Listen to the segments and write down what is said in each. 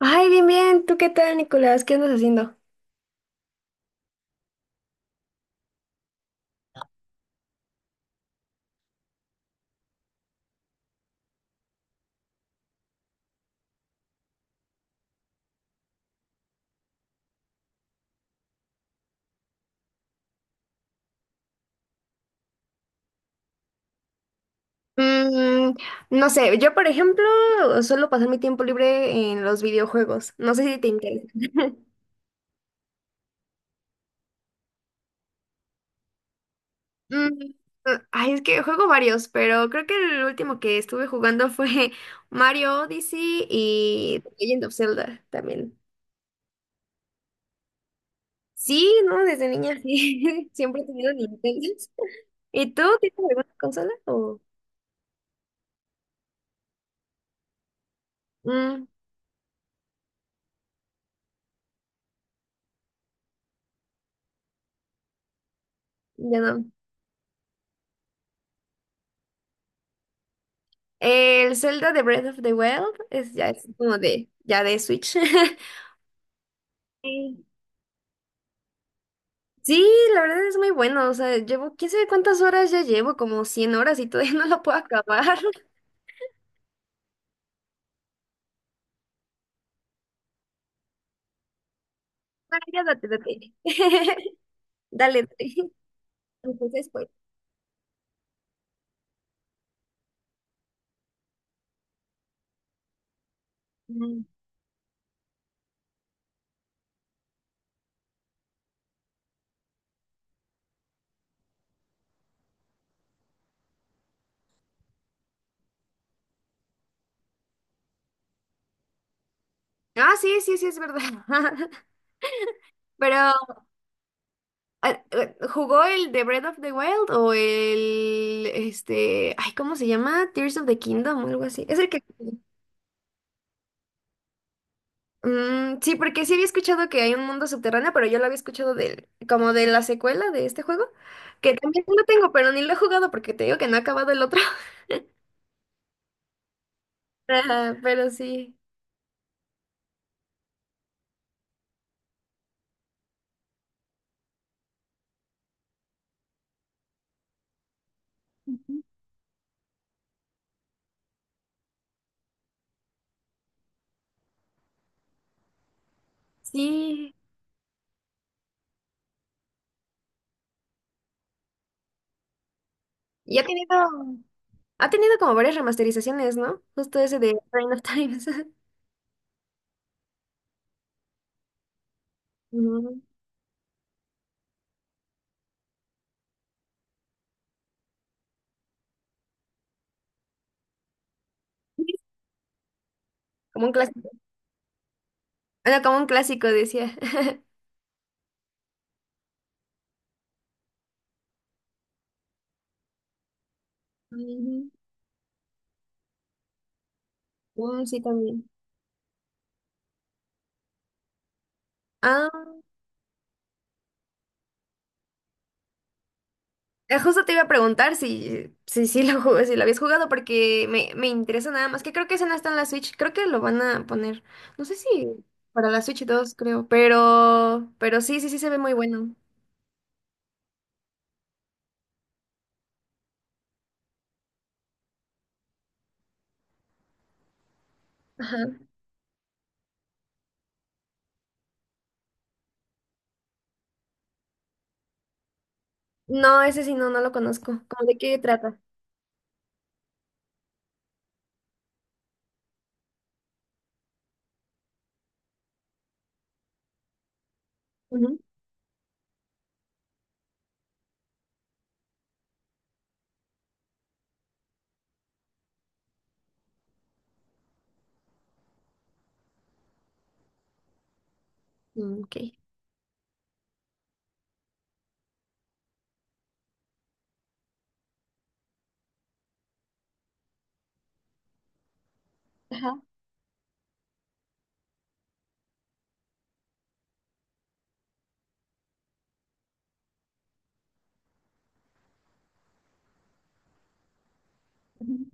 Ay, bien, bien. ¿Tú qué tal, Nicolás? ¿Qué andas haciendo? Mm, no sé, yo por ejemplo suelo pasar mi tiempo libre en los videojuegos. No sé si te interesa. Mm, ay, es que juego varios, pero creo que el último que estuve jugando fue Mario Odyssey y The Legend of Zelda también. Sí, ¿no? Desde niña sí. Siempre he tenido Nintendo. ¿Y tú tienes alguna consola o...? Mm, ya no. El Zelda de Breath of the Wild es ya es como de ya de Switch. Sí. Sí, la verdad es muy bueno. O sea, llevo quién sabe cuántas horas ya llevo, como 100 horas y todavía no lo puedo acabar. Ah, ya date, date. Dale, dale. Entonces, pues. Mm. Ah, sí, sí, sí, es verdad. Pero, ¿jugó el de Breath of the Wild o el, este, ay, ¿cómo se llama? Tears of the Kingdom o algo así. Es el que... Mm, sí, porque sí había escuchado que hay un mundo subterráneo, pero yo lo había escuchado del, como de la secuela de este juego, que también lo tengo, pero ni lo he jugado porque te digo que no ha acabado el otro. Ajá, pero sí, sí. Y ha tenido, ha tenido como varias remasterizaciones, ¿no? Justo ese de Reign of Times. Ujú. Como un clásico. Era como un clásico, decía. Ujú. Mm, sí, también. Ah. Justo te iba a preguntar si lo jugué, si lo habías jugado, porque me interesa nada más, que creo que ese no está en la Switch, creo que lo van a poner, no sé si para la Switch 2 creo, pero sí, sí se ve muy bueno. Ajá. No, ese sí no, no lo conozco. ¿Cómo de qué trata? Ujú. Mm, ok. Ajá. Ujú.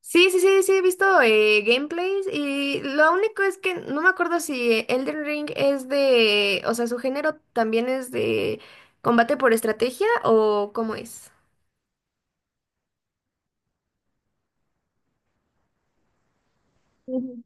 Sí, sí, he visto gameplays y lo único es que no me acuerdo si Elden Ring es de, o sea, su género también es de combate por estrategia o cómo es. Ujú.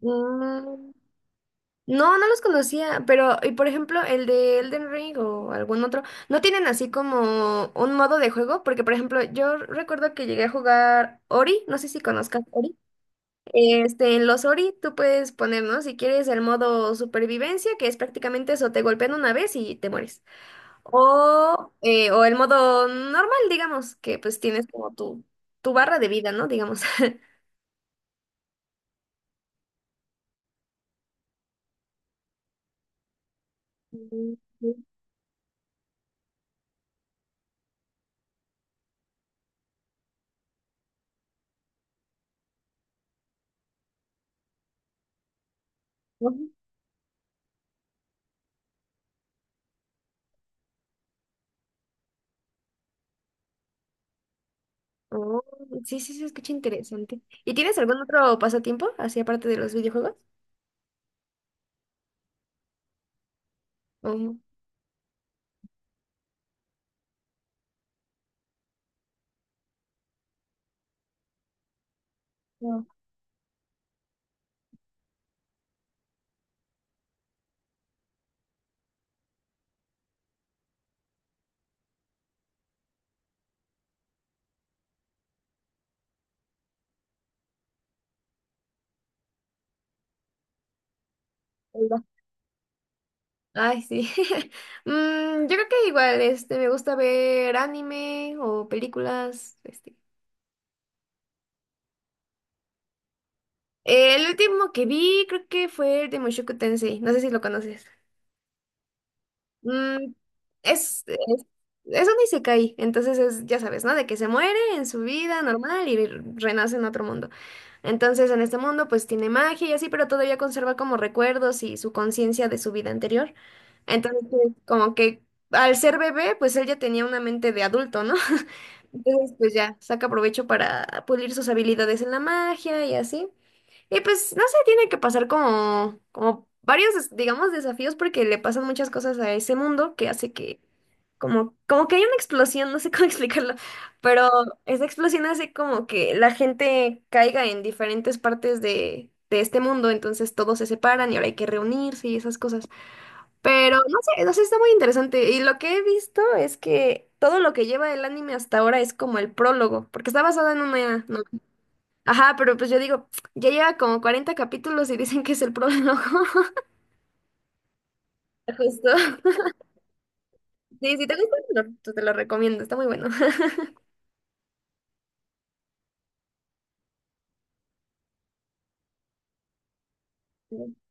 Mm, No, no los conocía, pero, y por ejemplo, el de Elden Ring o algún otro, ¿no tienen así como un modo de juego? Porque, por ejemplo, yo recuerdo que llegué a jugar Ori, no sé si conozcas Ori. Este, en los Ori tú puedes poner, ¿no? Si quieres el modo supervivencia, que es prácticamente eso, te golpean una vez y te mueres. O el modo normal, digamos, que pues tienes como tu barra de vida, ¿no? Digamos. Ujú. Oh, sí, sí, se escucha interesante. ¿Y tienes algún otro pasatiempo, así aparte de los videojuegos? Oh, no, oiga. Ay, sí. Yo creo que igual, este, me gusta ver anime o películas, este. El último que vi creo que fue el de Mushoku Tensei, no sé si lo conoces. Mm, es, es, es un isekai, entonces es, ya sabes, ¿no? De que se muere en su vida normal y renace en otro mundo. Entonces, en este mundo, pues tiene magia y así, pero todavía conserva como recuerdos y su conciencia de su vida anterior. Entonces, pues, como que al ser bebé, pues él ya tenía una mente de adulto, ¿no? Entonces, pues ya saca provecho para pulir sus habilidades en la magia y así. Y pues, no sé, tiene que pasar como, como varios, des- digamos, desafíos porque le pasan muchas cosas a ese mundo que hace que, como, como que hay una explosión, no sé cómo explicarlo, pero esa explosión hace como que la gente caiga en diferentes partes de este mundo, entonces todos se separan y ahora hay que reunirse y esas cosas. Pero no sé, no sé, está muy interesante. Y lo que he visto es que todo lo que lleva el anime hasta ahora es como el prólogo, porque está basado en una novela. Ajá, pero pues yo digo, ya lleva como 40 capítulos y dicen que es el prólogo. Justo. Sí, si te gusta, te lo recomiendo, está muy bueno.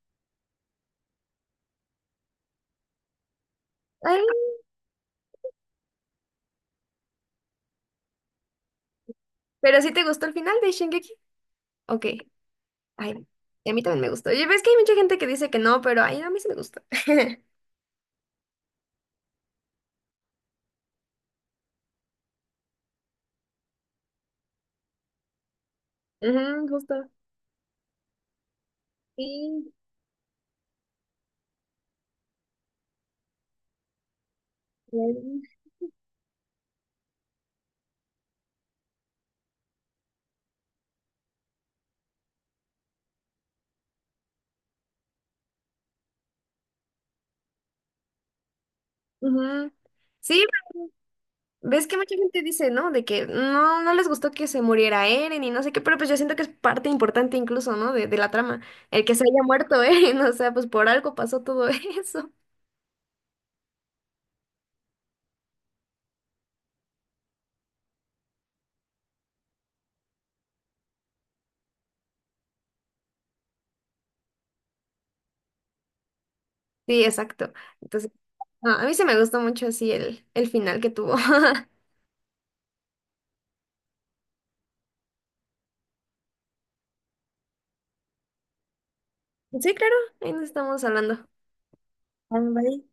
Ay, pero si te gustó el final de Shingeki. Ok, ay, y a mí también me gustó. Y ves que hay mucha gente que dice que no, pero ay, no, a mí sí me gusta. Ujú, justo. Sí, claro. Ujú. Sí, ves que mucha gente dice, ¿no? De que no, no les gustó que se muriera Eren y no sé qué, pero pues yo siento que es parte importante incluso, ¿no? De la trama. El que se haya muerto Eren, o sea, pues por algo pasó todo eso. Sí, exacto. Entonces, no, a mí se me gustó mucho así el final que tuvo. Sí, claro, ahí nos estamos hablando. Ah, vale.